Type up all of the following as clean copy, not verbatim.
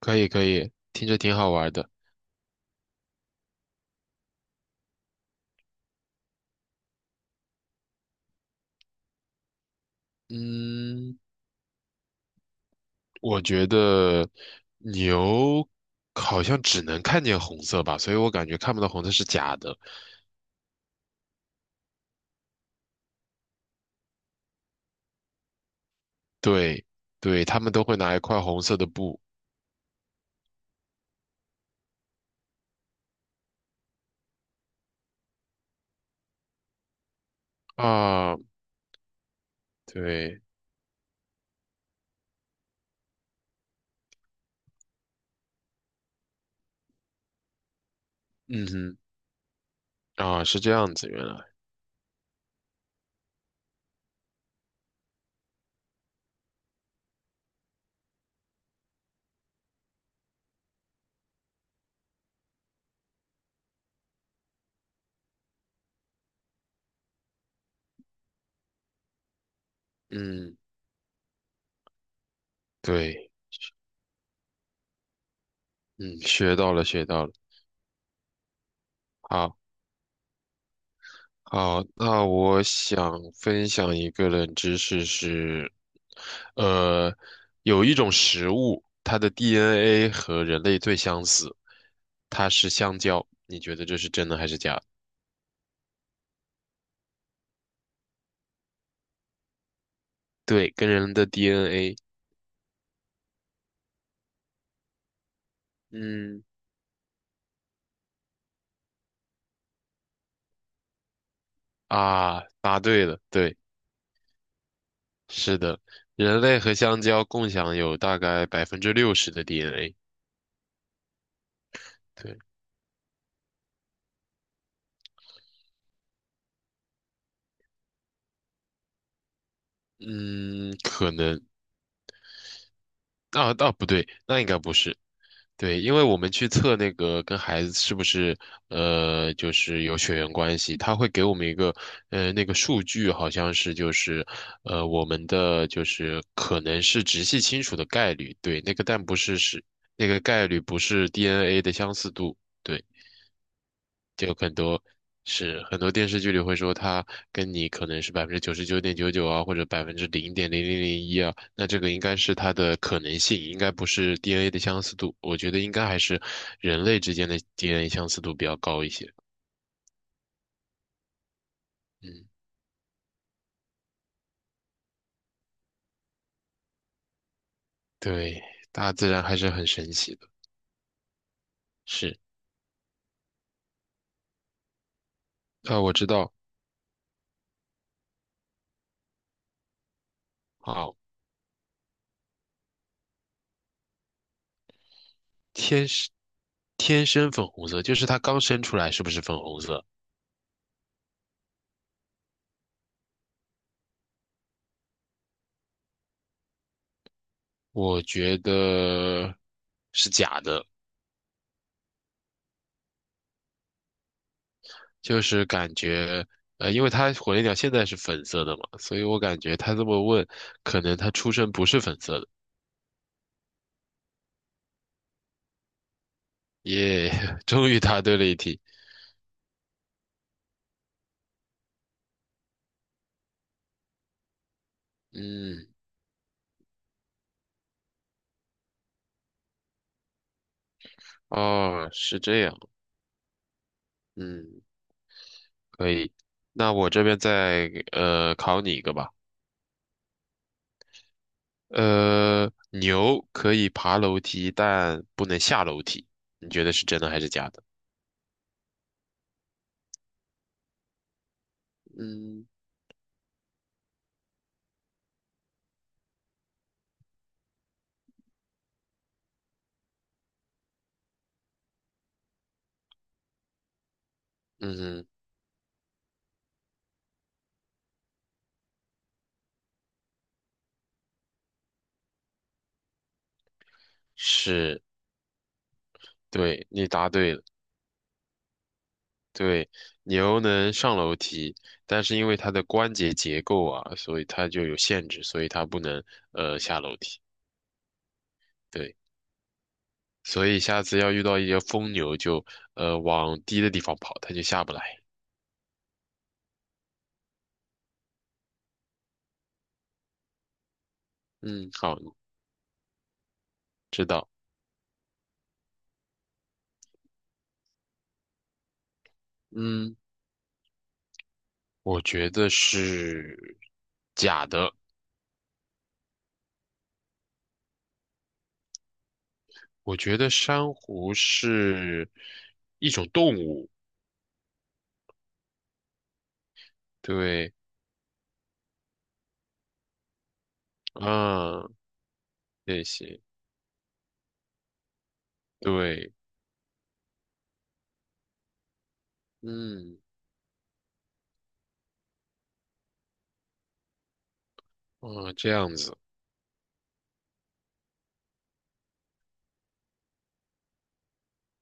可以可以，听着挺好玩的。嗯，我觉得牛好像只能看见红色吧，所以我感觉看不到红色是假的。对对，他们都会拿一块红色的布啊，对，嗯哼，啊，是这样子，原来，嗯，对，嗯，学到了学到了。好，好，那我想分享一个冷知识是，呃，有一种食物，它的 DNA 和人类最相似，它是香蕉。你觉得这是真的还是假的？对，跟人的 DNA，嗯，啊，答对了，对，是的，人类和香蕉共享有大概60%的 DNA。对，嗯，可能，啊，啊，不对，那应该不是。对，因为我们去测那个跟孩子是不是就是有血缘关系，他会给我们一个那个数据，好像是就是我们的就是可能是直系亲属的概率，对，那个但不是那个概率不是 DNA 的相似度，对，就很多是很多电视剧里会说他跟你可能是99.99%啊，或者0.0001%啊，那这个应该是它的可能性，应该不是 DNA 的相似度，我觉得应该还是人类之间的 DNA 相似度比较高一些。嗯，对，大自然还是很神奇的。是，啊，我知道，啊，天生天生粉红色，就是它刚生出来是不是粉红色？我觉得是假的。就是感觉，因为他火烈鸟现在是粉色的嘛，所以我感觉他这么问，可能他出身不是粉色的。耶，终于答对了一题。嗯，哦，是这样。嗯，可以。那我这边再考你一个吧。牛可以爬楼梯，但不能下楼梯。你觉得是真的还是假的？嗯嗯哼是，对，你答对了。对，牛能上楼梯，但是因为它的关节结构啊，所以它就有限制，所以它不能下楼梯。对，所以下次要遇到一些疯牛就，往低的地方跑，它就下不来。嗯，好，知道。嗯，我觉得是假的。我觉得珊瑚是一种动物。对，啊，谢谢。对，嗯，啊，这样子。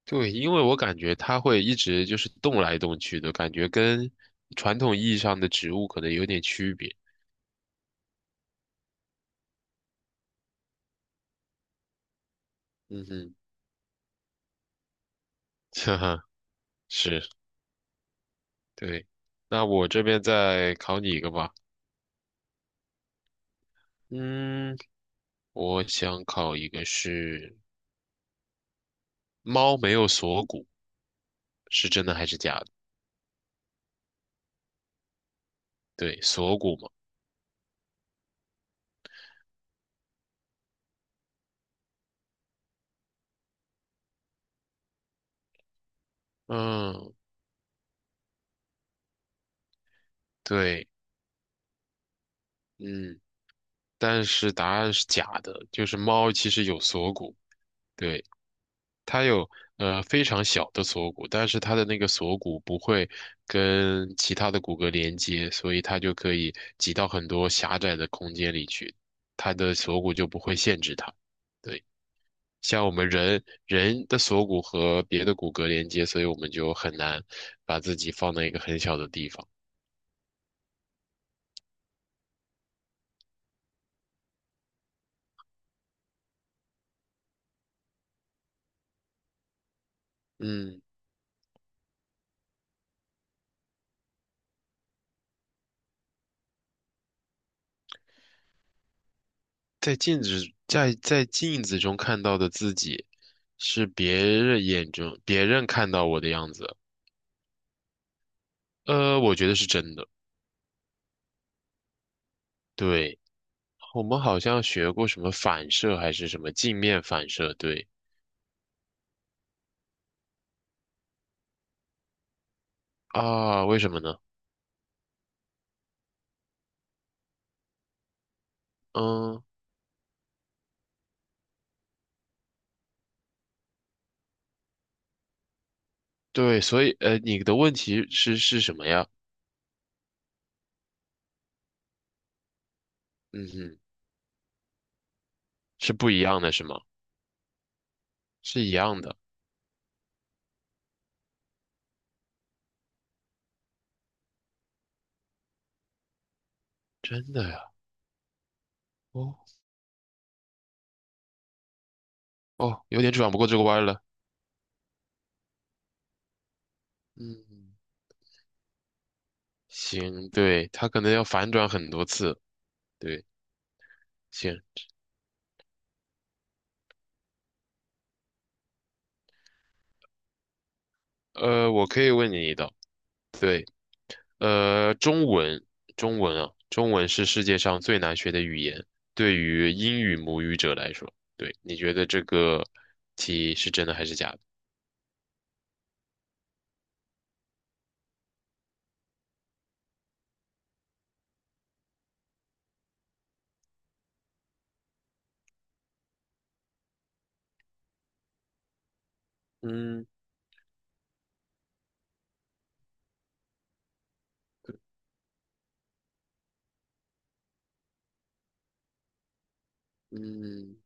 对，因为我感觉它会一直就是动来动去的，感觉跟传统意义上的植物可能有点区别。嗯哼，哈哈，是，对。那我这边再考你一个吧。嗯，我想考一个是猫没有锁骨，是真的还是假的？对，锁骨嘛。嗯，对，嗯，但是答案是假的，就是猫其实有锁骨。对。它有非常小的锁骨，但是它的那个锁骨不会跟其他的骨骼连接，所以它就可以挤到很多狭窄的空间里去，它的锁骨就不会限制它。对，像我们人的锁骨和别的骨骼连接，所以我们就很难把自己放在一个很小的地方。嗯，在镜子中看到的自己，是别人眼中别人看到我的样子。我觉得是真的。对。我们好像学过什么反射还是什么镜面反射，对啊，为什么呢？嗯，对，所以你的问题是什么呀？嗯哼，是不一样的，是吗？是一样的，真的呀？哦哦，有点转不过这个弯儿了。嗯，行，对，他可能要反转很多次。对，行，我可以问你一道，对。呃，中文，中文是世界上最难学的语言，对于英语母语者来说，对，你觉得这个题是真的还是假的？嗯嗯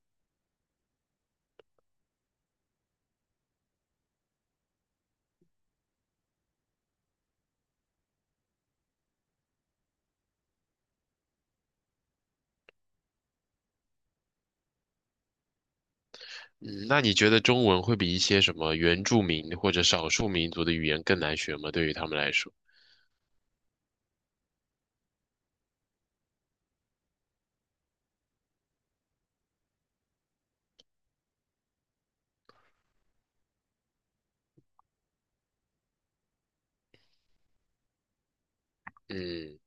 嗯，那你觉得中文会比一些什么原住民或者少数民族的语言更难学吗？对于他们来说？嗯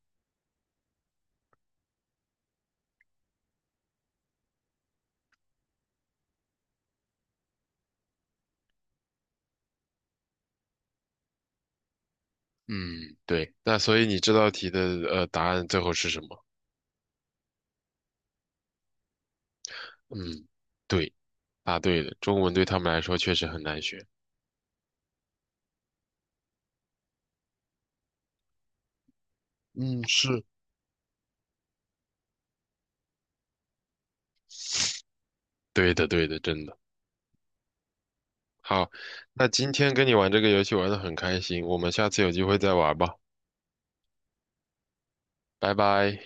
嗯，对，那所以你这道题的答案最后是什么？嗯，对，答对了，中文对他们来说确实很难学。嗯，是对的，对的，真的。好，那今天跟你玩这个游戏玩的很开心，我们下次有机会再玩吧，拜拜。